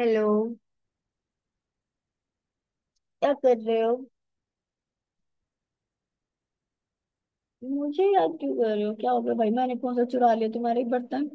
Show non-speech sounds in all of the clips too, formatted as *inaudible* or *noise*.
Hello. क्या कर रहे हो? मुझे याद क्यों कर रहे हो? क्या हो गया भाई? मैंने कौन सा चुरा लिया तुम्हारे बर्तन?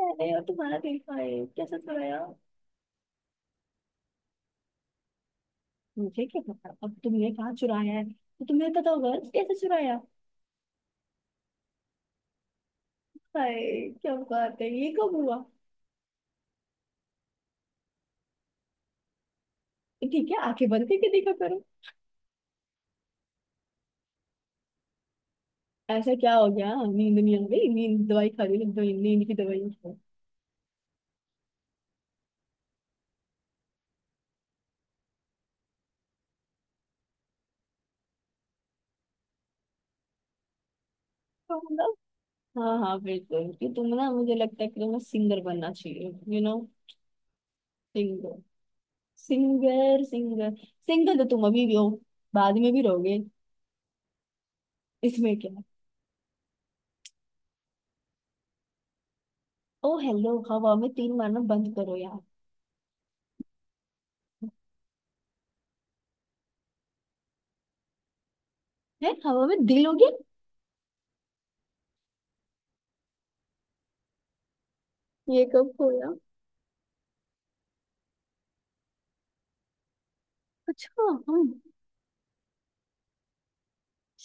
अरे यार, तुम्हारा देखा है? कैसे चुराया? मुझे क्या पता, अब तुमने कहाँ चुराया है तो तुम्हें पता होगा। कैसे चुराया? हाय, क्या बात है, ये कब हुआ? ठीक है, आंखें बंद करके देखा करो। ऐसा क्या हो गया, नींद नहीं आ गई? नींद दवाई खा ली, दवाई नींद की दवाई खाओ। तो मतलब, हाँ हाँ बिल्कुल, कि तुम ना, मुझे लगता है कि तुम्हें सिंगर बनना चाहिए। You know singer. Singer. Singer तो तुम अभी भी हो, बाद में भी रहोगे, इसमें क्या। ओ हेलो, हवा में तीन मारना बंद करो यार। है, हवा में दिल हो गया। ये कब खोया? अच्छा। हम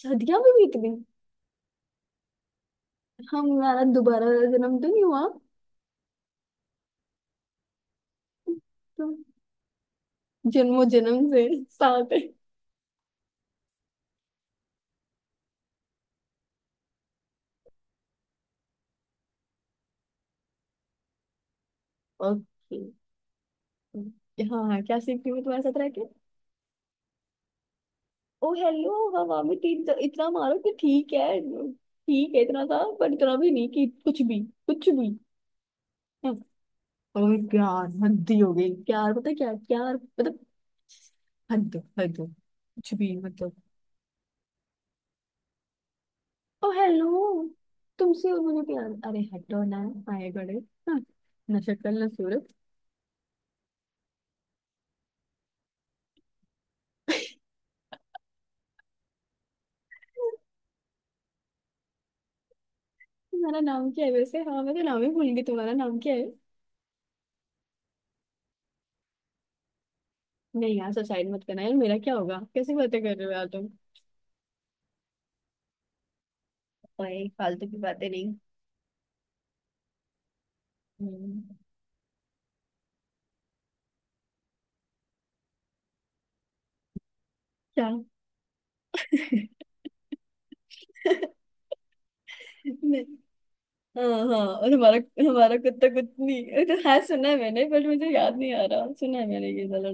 सदियां भी बीत गई? हमारा दोबारा जन्म तो नहीं हुआ। तो जन्मों जन्म से साथ है। ओके। हाँ हाँ, क्या सीखती हूँ मैं तुम्हारे साथ रह के। ओ हेलो, हवा में तीन तो इतना मारो कि ठीक है। ठीक है इतना था, पर इतना भी नहीं कि कुछ भी। कुछ भी, और प्यार, हद ही हो गई। प्यार पता है क्या है? प्यार मतलब हद। हद कुछ भी मतलब। ओ हेलो, तुमसे और मुझे प्यार? अरे हटो ना। आए बड़े, हाँ, ना शक्ल ना सूरत। तुम्हारा नाम क्या है वैसे? हाँ, मैं तो नाम ही भूल गई, तुम्हारा नाम क्या है? नहीं यार, सुसाइड मत करना यार, मेरा क्या होगा? कैसी बातें कर रहे हो यार तुम। भाई फालतू की बातें नहीं। हम्म, क्या? *laughs* नहीं, हाँ हाँ, और हमारा, हमारा कुत्ता कुतनी ये तो है, सुना है मैंने, बट मुझे याद नहीं आ रहा, सुना है मैंने ये वाला।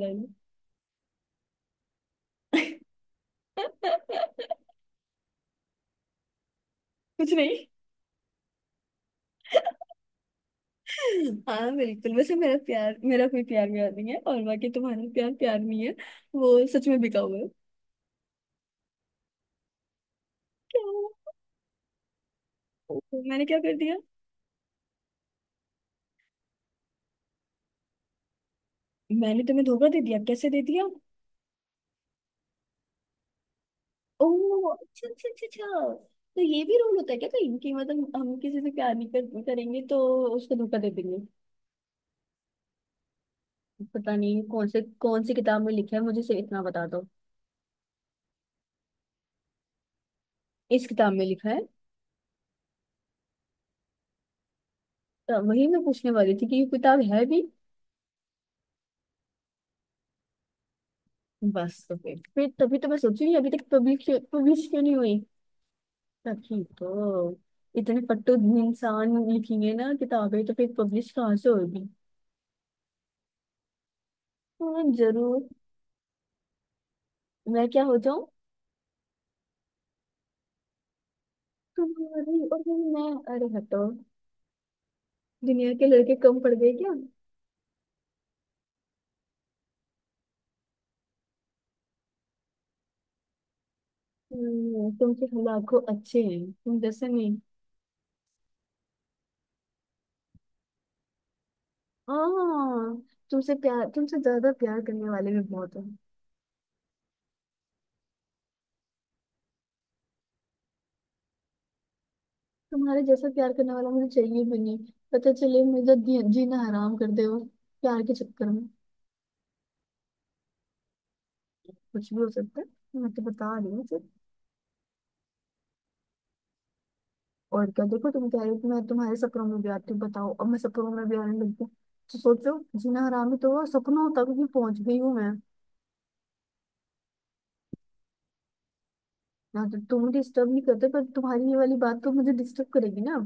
कुछ नहीं। हाँ बिल्कुल, वैसे मेरा प्यार, मेरा कोई प्यार व्यार नहीं है, और बाकी तुम्हारा प्यार प्यार नहीं है, वो सच में बिका हुआ है। क्या? ओ, मैंने क्या कर दिया? मैंने तुम्हें धोखा दे दिया? कैसे दे दिया? ओह, अच्छा अच्छा अच्छा अच्छा। तो ये भी रोल होता है क्या कहीं, कि मतलब हम किसी से प्यार नहीं करेंगे तो उसको धोखा दे देंगे? पता नहीं कौन से, कौन सी किताब में लिखा है, मुझे सिर्फ इतना बता दो। इस किताब में लिखा है? तो वही मैं पूछने वाली थी कि ये किताब है भी। बस तो फिर तभी तो मैं सोच रही हूँ, अभी तक पब्लिश क्यों, पब्लिश क्यों नहीं हुई। तभी तो, इतने फट्टू इंसान लिखेंगे ना किताबें, तो फिर पब्लिश कहाँ से होगी। हाँ, जरूर। मैं क्या हो जाऊं? तुम्हारी, और फिर मैं? अरे हटो, दुनिया के लड़के कम पड़ गए क्या? तुमसे लाखों अच्छे हैं, तुम जैसे नहीं। हाँ, तुमसे प्यार, तुमसे ज्यादा प्यार करने वाले भी बहुत हैं। तुम्हारे जैसा प्यार करने वाला मुझे चाहिए भी नहीं। पता चले मुझे, जीना हराम कर दे वो प्यार के चक्कर में। कुछ भी हो सकता है, मैं तो बता रही हूँ। और क्या, देखो तुम कह रहे हो कि मैं तुम्हारे सपनों में भी आती हूँ, बताओ, अब मैं सपनों में भी आने लगी हूँ, तो सोचो, जीना हरामी तो वो, सपनों तक भी पहुंच गई हूँ मैं। ना, तो तुम डिस्टर्ब नहीं करते, पर तुम्हारी ये वाली बात तो मुझे डिस्टर्ब करेगी ना।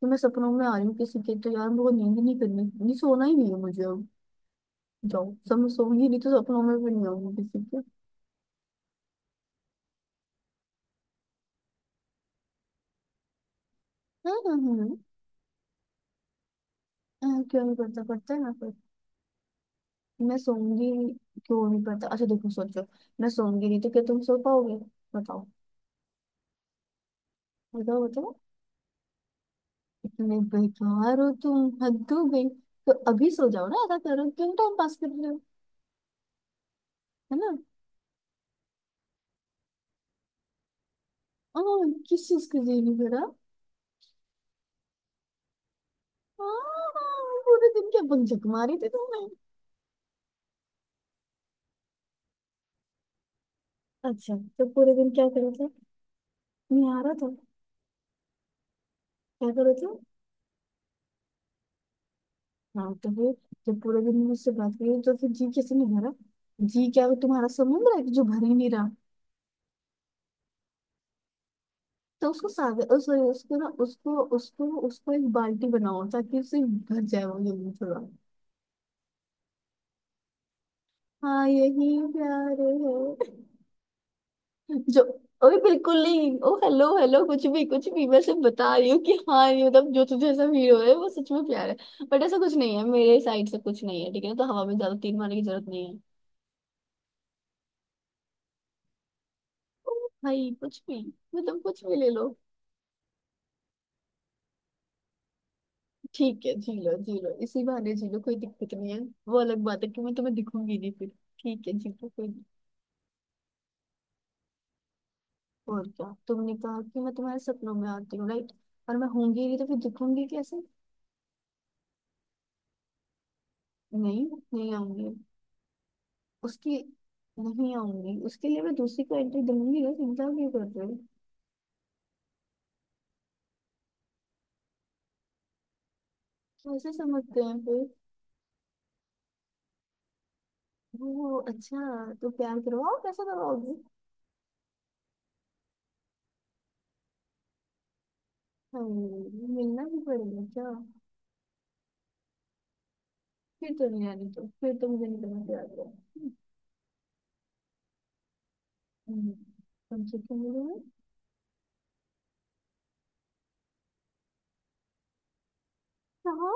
तो मैं सपनों में आ रही हूँ किसी के, तो यार मुझे नींद नहीं करनी, नहीं सोना ही नहीं है मुझे अब। जाओ, सब मैं सोऊंगी नहीं, तो सपनों में भी नहीं आऊंगी किसी के। हाँ, हाँ, हाँ, हाँ, क्यों नहीं पड़ता, पड़ता है ना, पर मैं सोऊंगी। क्यों नहीं पड़ता? अच्छा देखो, सोचो, मैं सोऊंगी नहीं तो क्या तुम सो पाओगे? बताओ। बताओ। इतने बेकार हो तुम, हद हो गई। तो अभी सो जाओ ना, ऐसा करो, क्यों टाइम पास कर रहे हो, है ना? हाँ, किस चीज की देरी करा? हाँ, पूरे दिन क्या बंजक मारी थी तुमने? अच्छा तो पूरे दिन क्या करो थे, नहीं आ रहा था? क्या करो थे? हाँ तो फिर, जब पूरे दिन मुझसे बात करी तो फिर जी कैसे नहीं भरा? जी क्या वो तुम्हारा समुद्र है कि जो भर ही नहीं रहा? तो उसको सागर, उसको ना, उसको उसको उसको एक बाल्टी बनाओ ताकि उसे भर जाए वो जल्दी थोड़ा। हाँ यही प्यार है, जो। ओए बिल्कुल नहीं, ओ हेलो हेलो, कुछ भी, कुछ भी। मैं सिर्फ बता रही हूँ कि हाँ ये मतलब, जो तुझे ऐसा फील हो रहा है वो सच में प्यार है। बट ऐसा कुछ नहीं है, मेरे साइड से कुछ नहीं है, ठीक है ना, तो हवा में ज्यादा तीर मारने की जरूरत नहीं है। ओ भाई, कुछ भी मतलब, कुछ भी ले लो। ठीक है, जी लो, जी लो, इसी बहाने जी लो, कोई दिक्कत नहीं है। वो अलग बात है कि मैं तुम्हें दिखूंगी नहीं फिर। ठीक है, जी लो, कोई नहीं। और क्या, तुमने कहा कि मैं तुम्हारे सपनों में आती हूँ, राइट? और मैं होंगी नहीं तो फिर दिखूंगी कैसे? नहीं, नहीं आऊंगी उसकी। नहीं आऊंगी, उसके लिए मैं दूसरी को एंट्री दूंगी ना, चिंता क्यों कर रहे हो? कैसे समझते हैं फिर? वो अच्छा, तो प्यार करवाओ, कैसे करवाओगे? हाँ, मिलना भी पड़ेगा क्या? फिर तो नहीं आनी, तो फिर तो मुझे नहीं करना प्यार, करो। हम्म, कम से कम मिलोगे। कहाँ?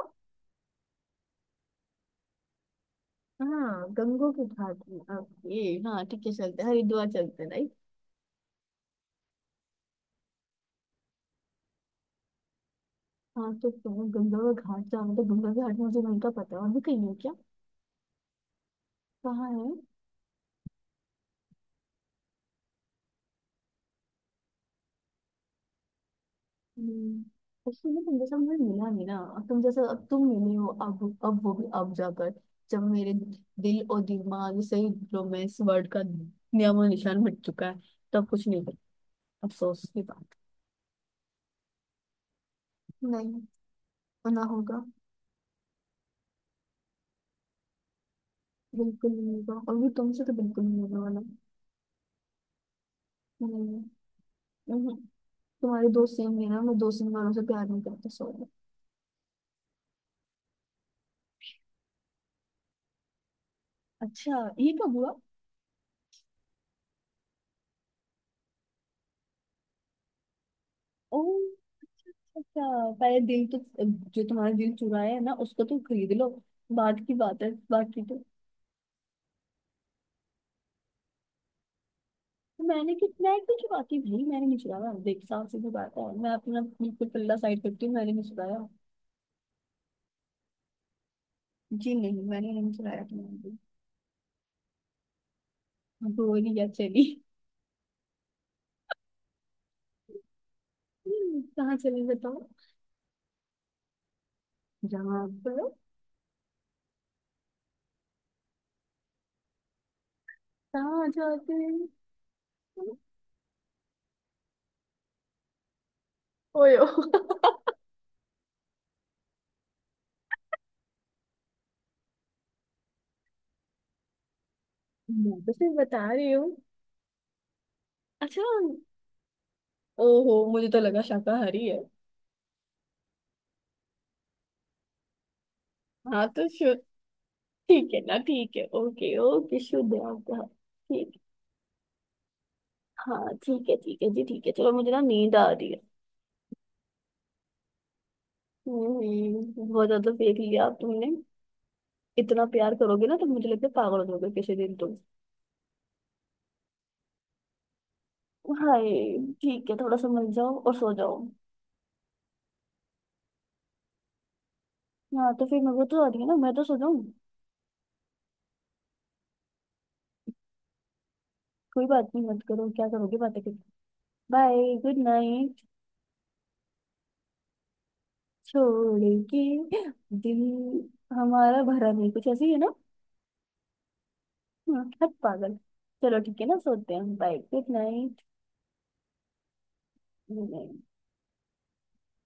हाँ, गंगो के घाट में, ओके। हाँ ठीक है, चलते हैं, हरिद्वार चलते हैं, राइट? हाँ तो तुम गंगा का घाट जाना, तो गंगा के घाट मुझे नहीं का पता है, और भी कहीं है क्या? कहाँ है? हम्म, उसके लिए तुम जैसा मुझे मिला नहीं ना, अब तुम जैसा, अब तुम मिली हो, अब वो भी अब जाकर, जब मेरे दिल और दिमाग से रोमांस वर्ड का नियम और निशान मिट चुका है, तब कुछ नहीं कर। अफसोस की बात। नहीं, वो ना होगा। बिल्कुल नहीं होगा, और भी तुमसे तो बिल्कुल नहीं होने वाला। नहीं। नहीं, तुम्हारे दोस्त सेम है ना, मैं दोस्त इन वालों से प्यार नहीं करता, सॉरी। अच्छा, ये कब हुआ? ओ, अच्छा। पहले दिल तो, जो तुम्हारा दिल चुराया है ना, उसको तुम खरीद लो, बाद की बात है बाकी तो। तो मैंने कितना है कुछ बाकी भाई, मैंने नहीं चुराया, देख साफ सीधी बात है, मैं अपना बिल्कुल पल्ला साइड करती हूँ, मैंने नहीं चुराया। जी नहीं, मैंने नहीं चुराया तुम्हारा दिल। गोरी या चली। कहाँ चली बताओ? जहाँ पर। कहाँ जाते हैं? ओयो। मैं तो सिर्फ बता रही हूँ। अच्छा। ओहो, मुझे तो लगा शाकाहारी है। हाँ तो, ठीक है ना, ठीक है, ओके ओके, शुद्ध है आपका, ठीक। हाँ ठीक है, ठीक है जी, ठीक है, चलो मुझे ना नींद आ रही है। हम्म, बहुत ज्यादा फेंक लिया आप, तुमने इतना प्यार करोगे ना तो मुझे लगता है पागल हो जाओगे किसी दिन तुम। हाय, ठीक है, थोड़ा समझ जाओ और सो जाओ। हाँ तो फिर मैं, वो तो आ रही है ना, मैं तो सो जाऊँ। कोई बात नहीं, मत करो, क्या करोगे बातें करके। Bye, good night. छोड़ के दिल हमारा भरा नहीं, कुछ ऐसी है ना। हाँ, हट पागल। चलो ठीक है ना, सोते हैं, बाय, गुड नाइट। कर दो, कर दो।